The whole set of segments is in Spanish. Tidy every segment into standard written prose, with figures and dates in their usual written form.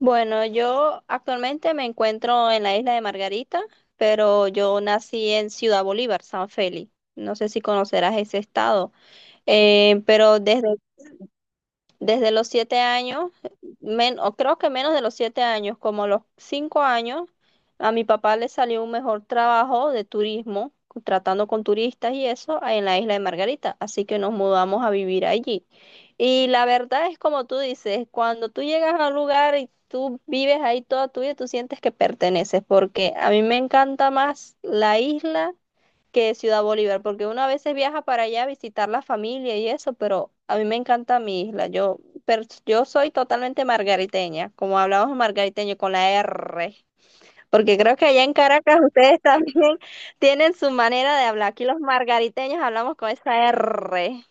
Bueno, yo actualmente me encuentro en la isla de Margarita, pero yo nací en Ciudad Bolívar, San Félix. No sé si conocerás ese estado, pero desde los 7 años, o creo que menos de los 7 años, como los 5 años, a mi papá le salió un mejor trabajo de turismo, tratando con turistas y eso, en la isla de Margarita. Así que nos mudamos a vivir allí. Y la verdad es como tú dices, cuando tú llegas a un lugar y tú vives ahí toda tu vida, tú sientes que perteneces, porque a mí me encanta más la isla que Ciudad Bolívar, porque uno a veces viaja para allá a visitar la familia y eso, pero a mí me encanta mi isla. Yo, yo soy totalmente margariteña, como hablamos margariteño con la R, porque creo que allá en Caracas ustedes también tienen su manera de hablar. Aquí los margariteños hablamos con esa R.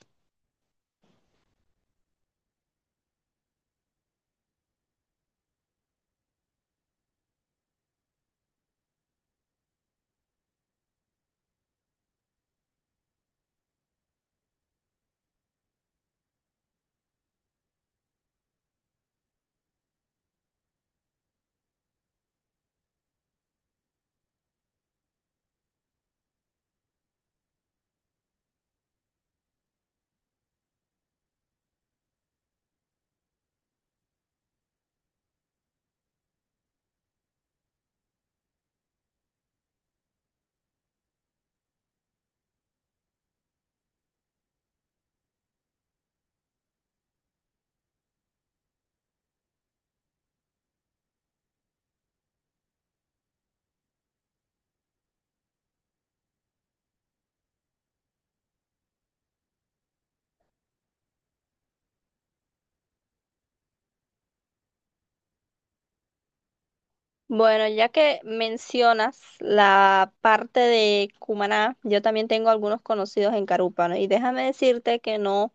Bueno, ya que mencionas la parte de Cumaná, yo también tengo algunos conocidos en Carúpano y déjame decirte que no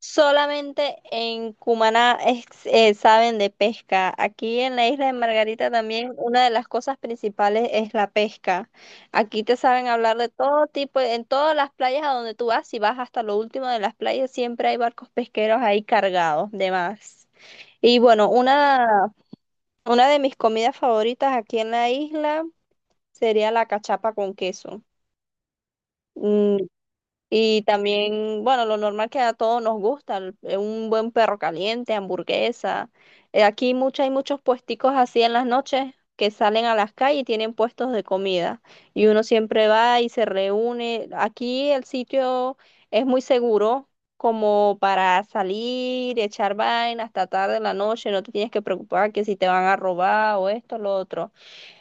solamente en Cumaná saben de pesca. Aquí en la isla de Margarita también una de las cosas principales es la pesca. Aquí te saben hablar de todo tipo, en todas las playas a donde tú vas, si vas hasta lo último de las playas, siempre hay barcos pesqueros ahí cargados de más. Y bueno, una de mis comidas favoritas aquí en la isla sería la cachapa con queso. Mm, y también, bueno, lo normal que a todos nos gusta, un buen perro caliente, hamburguesa. Aquí mucho, hay muchos puesticos así en las noches que salen a las calles y tienen puestos de comida. Y uno siempre va y se reúne. Aquí el sitio es muy seguro como para salir, echar vaina hasta tarde en la noche, no te tienes que preocupar que si te van a robar o esto, lo otro.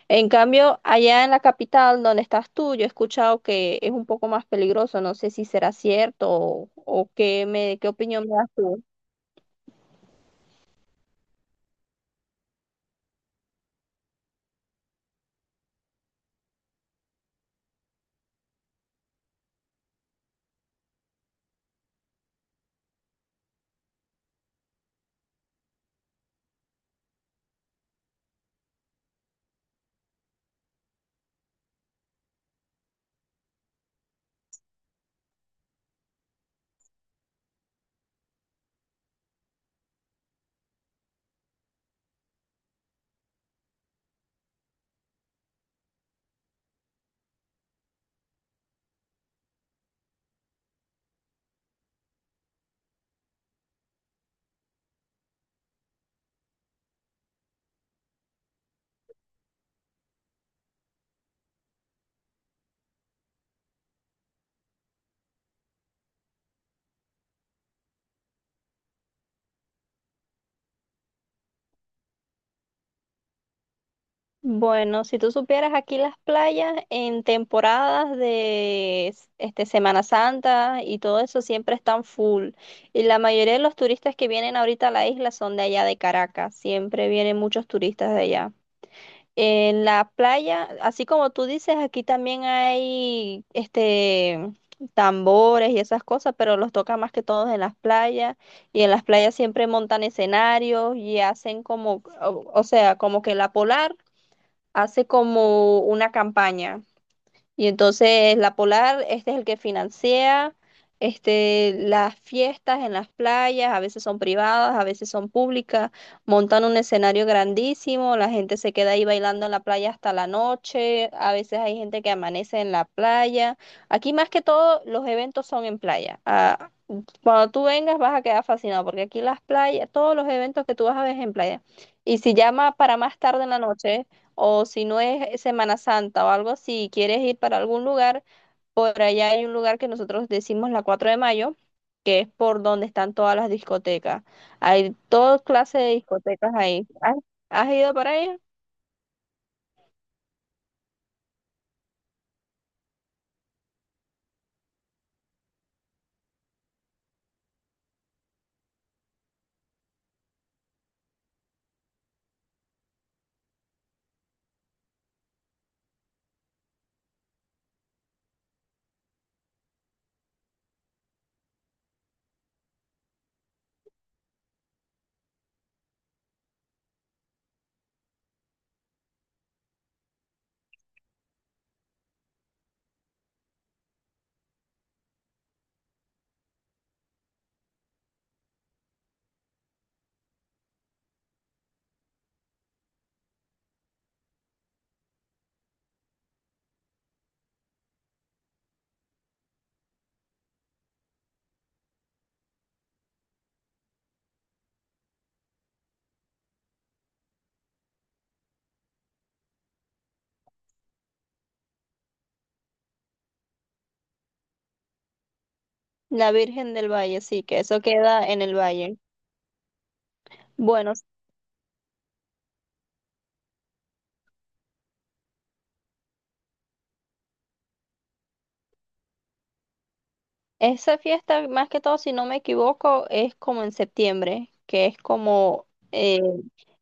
En cambio, allá en la capital donde estás tú, yo he escuchado que es un poco más peligroso. No sé si será cierto o qué opinión me das tú. Bueno, si tú supieras aquí las playas en temporadas de este, Semana Santa y todo eso siempre están full. Y la mayoría de los turistas que vienen ahorita a la isla son de allá de Caracas. Siempre vienen muchos turistas de allá. En la playa, así como tú dices, aquí también hay este tambores y esas cosas, pero los toca más que todos en las playas. Y en las playas siempre montan escenarios y hacen como, o sea, como que la Polar hace como una campaña. Y entonces la Polar, este es el que financia este, las fiestas en las playas, a veces son privadas, a veces son públicas, montan un escenario grandísimo, la gente se queda ahí bailando en la playa hasta la noche, a veces hay gente que amanece en la playa. Aquí más que todo los eventos son en playa. Ah, cuando tú vengas vas a quedar fascinado porque aquí las playas, todos los eventos que tú vas a ver es en playa. Y si llama para más tarde en la noche o si no es Semana Santa o algo, si quieres ir para algún lugar, por allá hay un lugar que nosotros decimos la 4 de Mayo, que es por donde están todas las discotecas. Hay toda clase de discotecas ahí. ¿Has, has ido para allá? La Virgen del Valle, sí, que eso queda en el valle. Bueno, esa fiesta, más que todo, si no me equivoco, es como en septiembre, que es como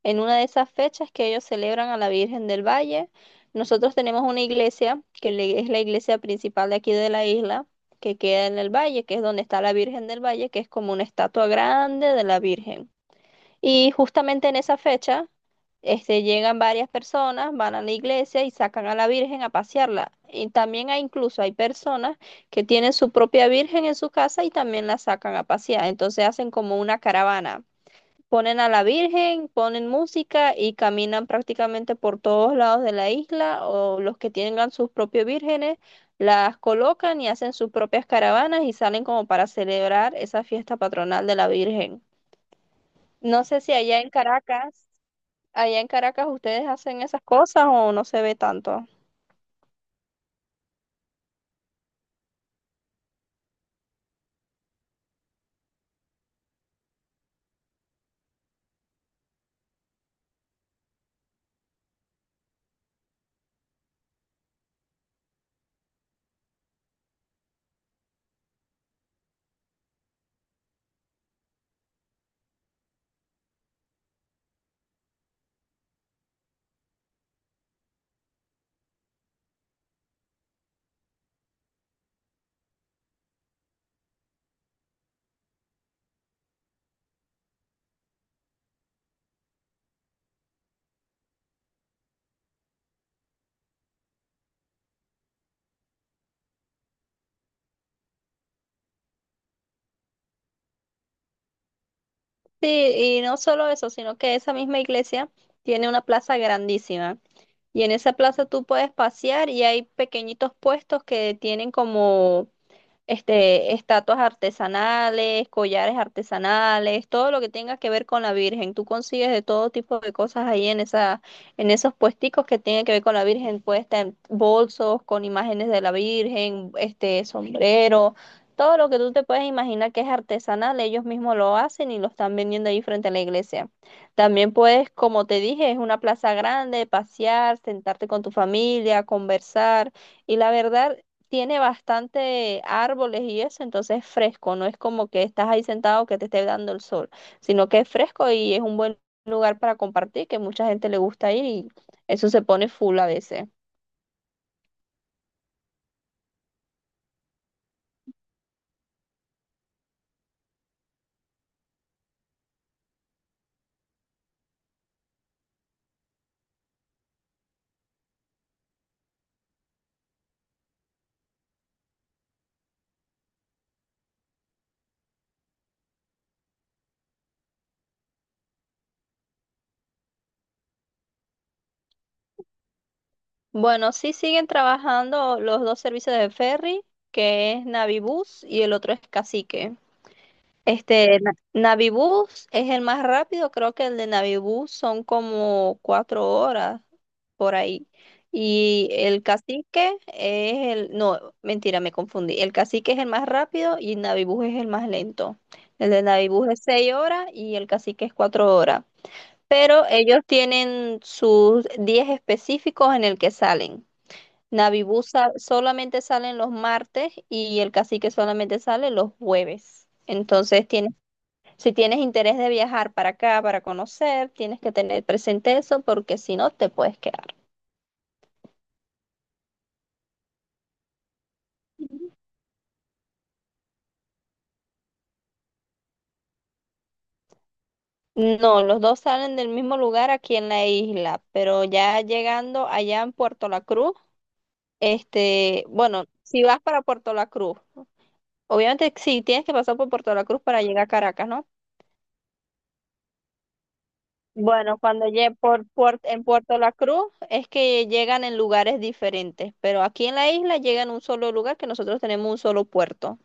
en una de esas fechas que ellos celebran a la Virgen del Valle. Nosotros tenemos una iglesia, que es la iglesia principal de aquí de la isla, que queda en el valle, que es donde está la Virgen del Valle, que es como una estatua grande de la Virgen. Y justamente en esa fecha, este, llegan varias personas, van a la iglesia y sacan a la Virgen a pasearla. Y también hay incluso hay personas que tienen su propia Virgen en su casa y también la sacan a pasear. Entonces hacen como una caravana. Ponen a la Virgen, ponen música y caminan prácticamente por todos lados de la isla o los que tengan sus propios vírgenes las colocan y hacen sus propias caravanas y salen como para celebrar esa fiesta patronal de la Virgen. No sé si allá en Caracas, ustedes hacen esas cosas o no se ve tanto. Sí, y no solo eso, sino que esa misma iglesia tiene una plaza grandísima. Y en esa plaza tú puedes pasear y hay pequeñitos puestos que tienen como este, estatuas artesanales, collares artesanales, todo lo que tenga que ver con la Virgen. Tú consigues de todo tipo de cosas ahí en esos puesticos que tienen que ver con la Virgen. Puedes tener bolsos con imágenes de la Virgen, este, sombreros, todo lo que tú te puedes imaginar que es artesanal, ellos mismos lo hacen y lo están vendiendo ahí frente a la iglesia. También puedes, como te dije, es una plaza grande, pasear, sentarte con tu familia, conversar. Y la verdad, tiene bastante árboles y eso, entonces es fresco, no es como que estás ahí sentado que te esté dando el sol, sino que es fresco y es un buen lugar para compartir, que mucha gente le gusta ir y eso se pone full a veces. Bueno, sí siguen trabajando los dos servicios de ferry, que es Navibus y el otro es Cacique. Este, Navibus es el más rápido, creo que el de Navibus son como 4 horas por ahí. Y el cacique es el, no, mentira, me confundí. El cacique es el más rápido y Navibus es el más lento. El de Navibus es 6 horas y el cacique es 4 horas. Pero ellos tienen sus días específicos en el que salen. Navibus solamente salen los martes y el cacique solamente sale los jueves. Entonces tienen si tienes interés de viajar para acá, para conocer, tienes que tener presente eso porque si no te puedes quedar. No, los dos salen del mismo lugar aquí en la isla, pero ya llegando allá en Puerto La Cruz, este, bueno, si vas para Puerto La Cruz, obviamente sí tienes que pasar por Puerto La Cruz para llegar a Caracas, ¿no? Bueno, cuando llegue por, en Puerto La Cruz es que llegan en lugares diferentes, pero aquí en la isla llegan a un solo lugar que nosotros tenemos un solo puerto.